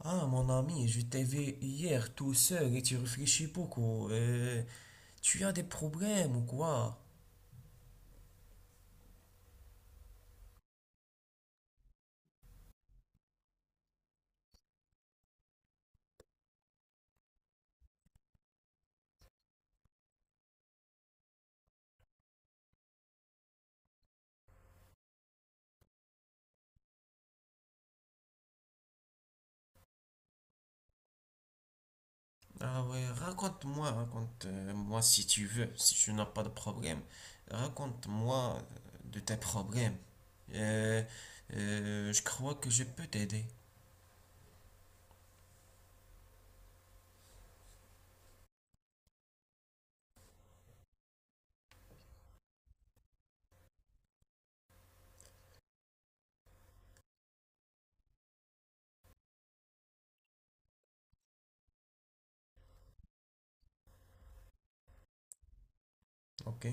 Ah, mon ami, je t'ai vu hier tout seul et tu réfléchis beaucoup. Tu as des problèmes ou quoi? Ah ouais, raconte-moi, raconte-moi si tu veux, si tu n'as pas de problème. Raconte-moi de tes problèmes. Euh, je crois que je peux t'aider, ok?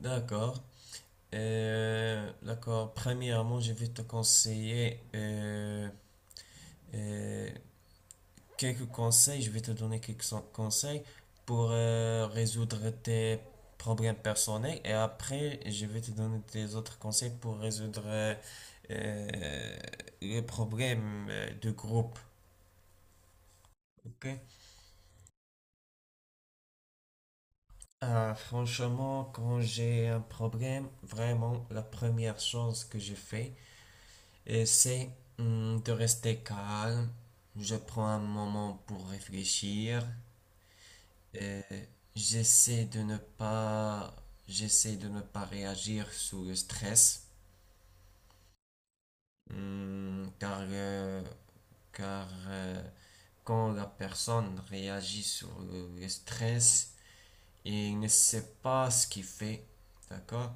D'accord. D'accord. Premièrement, je vais te conseiller euh, quelques conseils, je vais te donner conseils pour résoudre tes problèmes personnels et après je vais te donner des autres conseils pour résoudre euh, les problèmes de groupe. Ok. Ah, franchement, quand j'ai un problème, vraiment la première chose que je fais, c'est de rester calme. Je prends un moment pour réfléchir. Euh, j'essaie de ne pas, j'essaie de ne pas réagir sous le stress. Car, car euh, quand la personne réagit sur le stress, il ne sait pas ce qu'il fait, d'accord?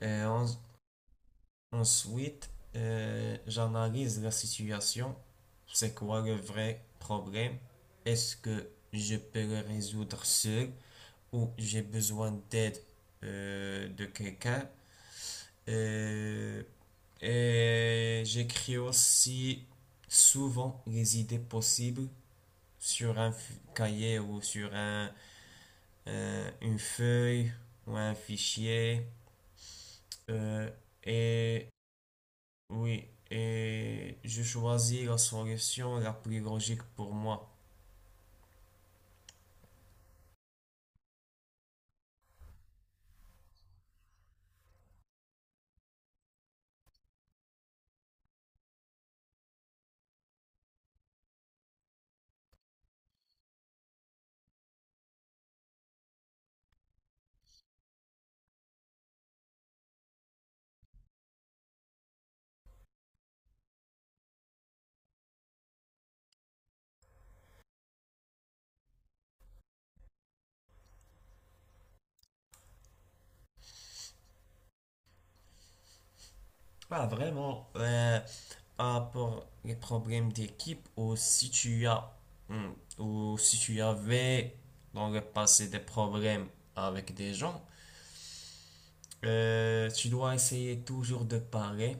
Et en- Ensuite, j'analyse la situation. C'est quoi le vrai problème? Est-ce que je peux le résoudre seul? Ou j'ai besoin d'aide de quelqu'un. Euh, et j'écris aussi souvent les idées possibles sur un cahier ou sur une feuille ou un fichier. Euh, et oui, et je choisis la solution la plus logique pour moi. Ah, vraiment, rapport les problèmes d'équipe ou si tu as hmm, ou si tu avais dans le passé des problèmes avec des gens, tu dois essayer toujours de parler,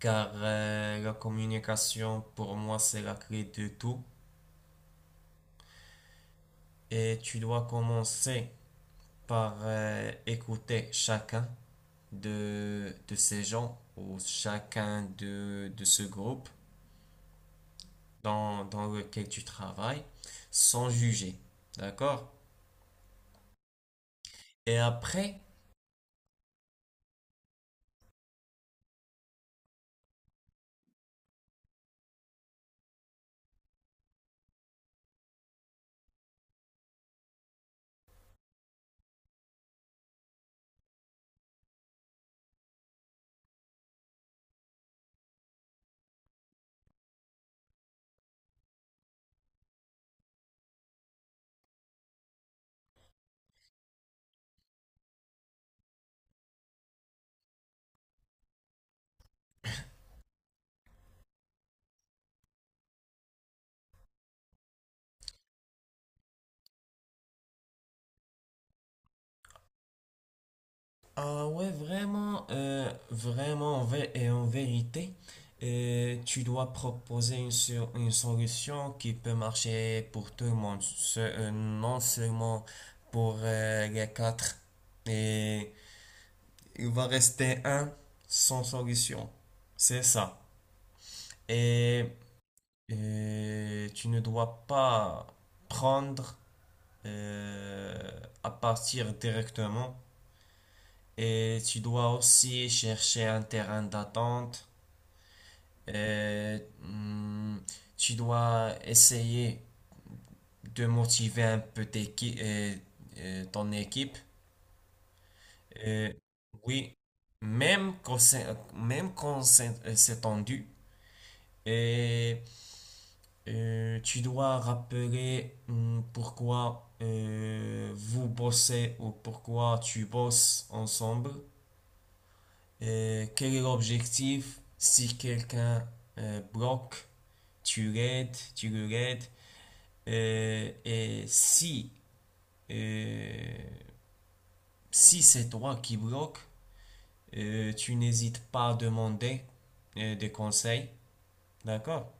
car la communication pour moi c'est la clé de tout, et tu dois commencer par écouter chacun de ces gens ou chacun de ce groupe dans, dans lequel tu travailles sans juger, d'accord? Et après, ah ouais, vraiment, vraiment, en vé- et en vérité, tu dois proposer une solution qui peut marcher pour tout le monde, non seulement pour les quatre. Et il va rester un sans solution. C'est ça. Et tu ne dois pas prendre euh, à partir directement. Et tu dois aussi chercher un terrain d'attente. Et, tu dois essayer de motiver un peu ton équipe. Euh, oui, même quand c'est, même quand c'est tendu. Et tu dois rappeler, pourquoi vous bossez ou pourquoi tu bosses ensemble. Quel est l'objectif? Si quelqu'un bloque, tu l'aides, tu le l'aides. Euh, et si, euh, si c'est toi qui bloque, tu n'hésites pas à demander des conseils. D'accord?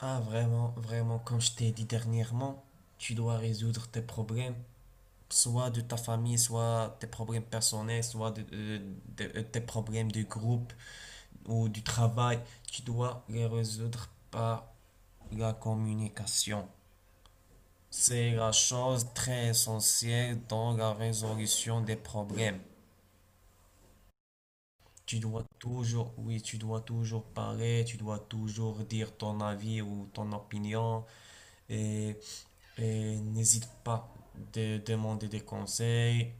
Ah, vraiment, vraiment, comme je t'ai dit dernièrement, tu dois résoudre tes problèmes, soit de ta famille, soit tes problèmes personnels, soit tes problèmes de groupe ou du travail, tu dois les résoudre par la communication. C'est la chose très essentielle dans la résolution des problèmes. Tu dois toujours, oui, tu dois toujours parler, tu dois toujours dire ton avis ou ton opinion, et, et n'hésite pas de demander des conseils.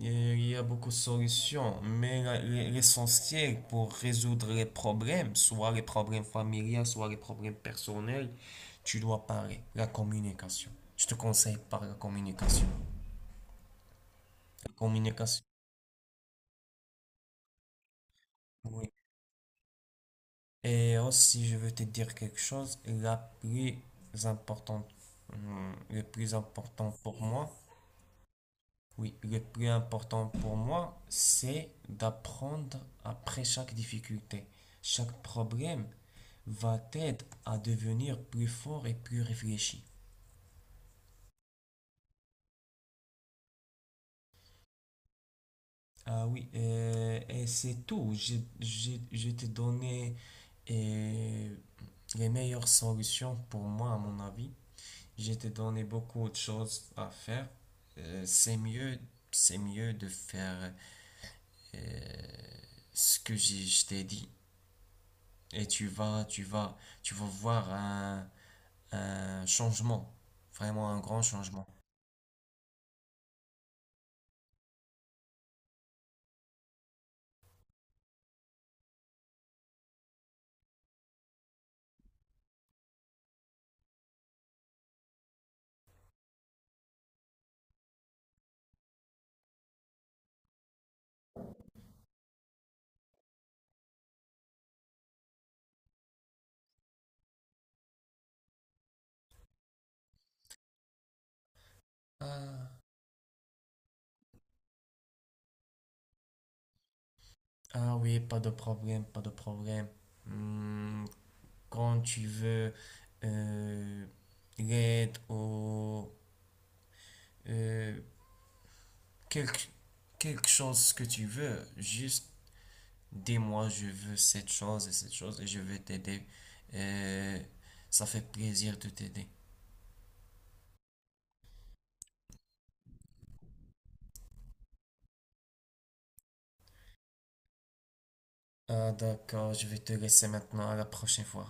Il y a beaucoup de solutions, mais l'essentiel pour résoudre les problèmes, soit les problèmes familiaux, soit les problèmes personnels, tu dois parler. La communication. Je te conseille par la communication. La communication. Oui. Et aussi, je veux te dire quelque chose, importante, le plus important pour moi, oui, le plus important pour moi, c'est d'apprendre après chaque difficulté. Chaque problème va t'aider à devenir plus fort et plus réfléchi. Ah oui, et c'est tout. Je t'ai donné euh, les meilleures solutions pour moi, à mon avis. Je t'ai donné beaucoup de choses à faire. C'est mieux, c'est mieux de faire euh, ce que je t'ai dit. Et tu vas voir un changement, vraiment un grand changement. Ah, ah oui, pas de problème, pas de problème. Hmm, Quand tu veux euh, l'aide ou euh, quelque, quelque chose que tu veux, juste dis-moi, je veux cette chose et je vais t'aider. Euh, ça fait plaisir de t'aider. Ah d'accord, je vais te laisser maintenant, à la prochaine fois.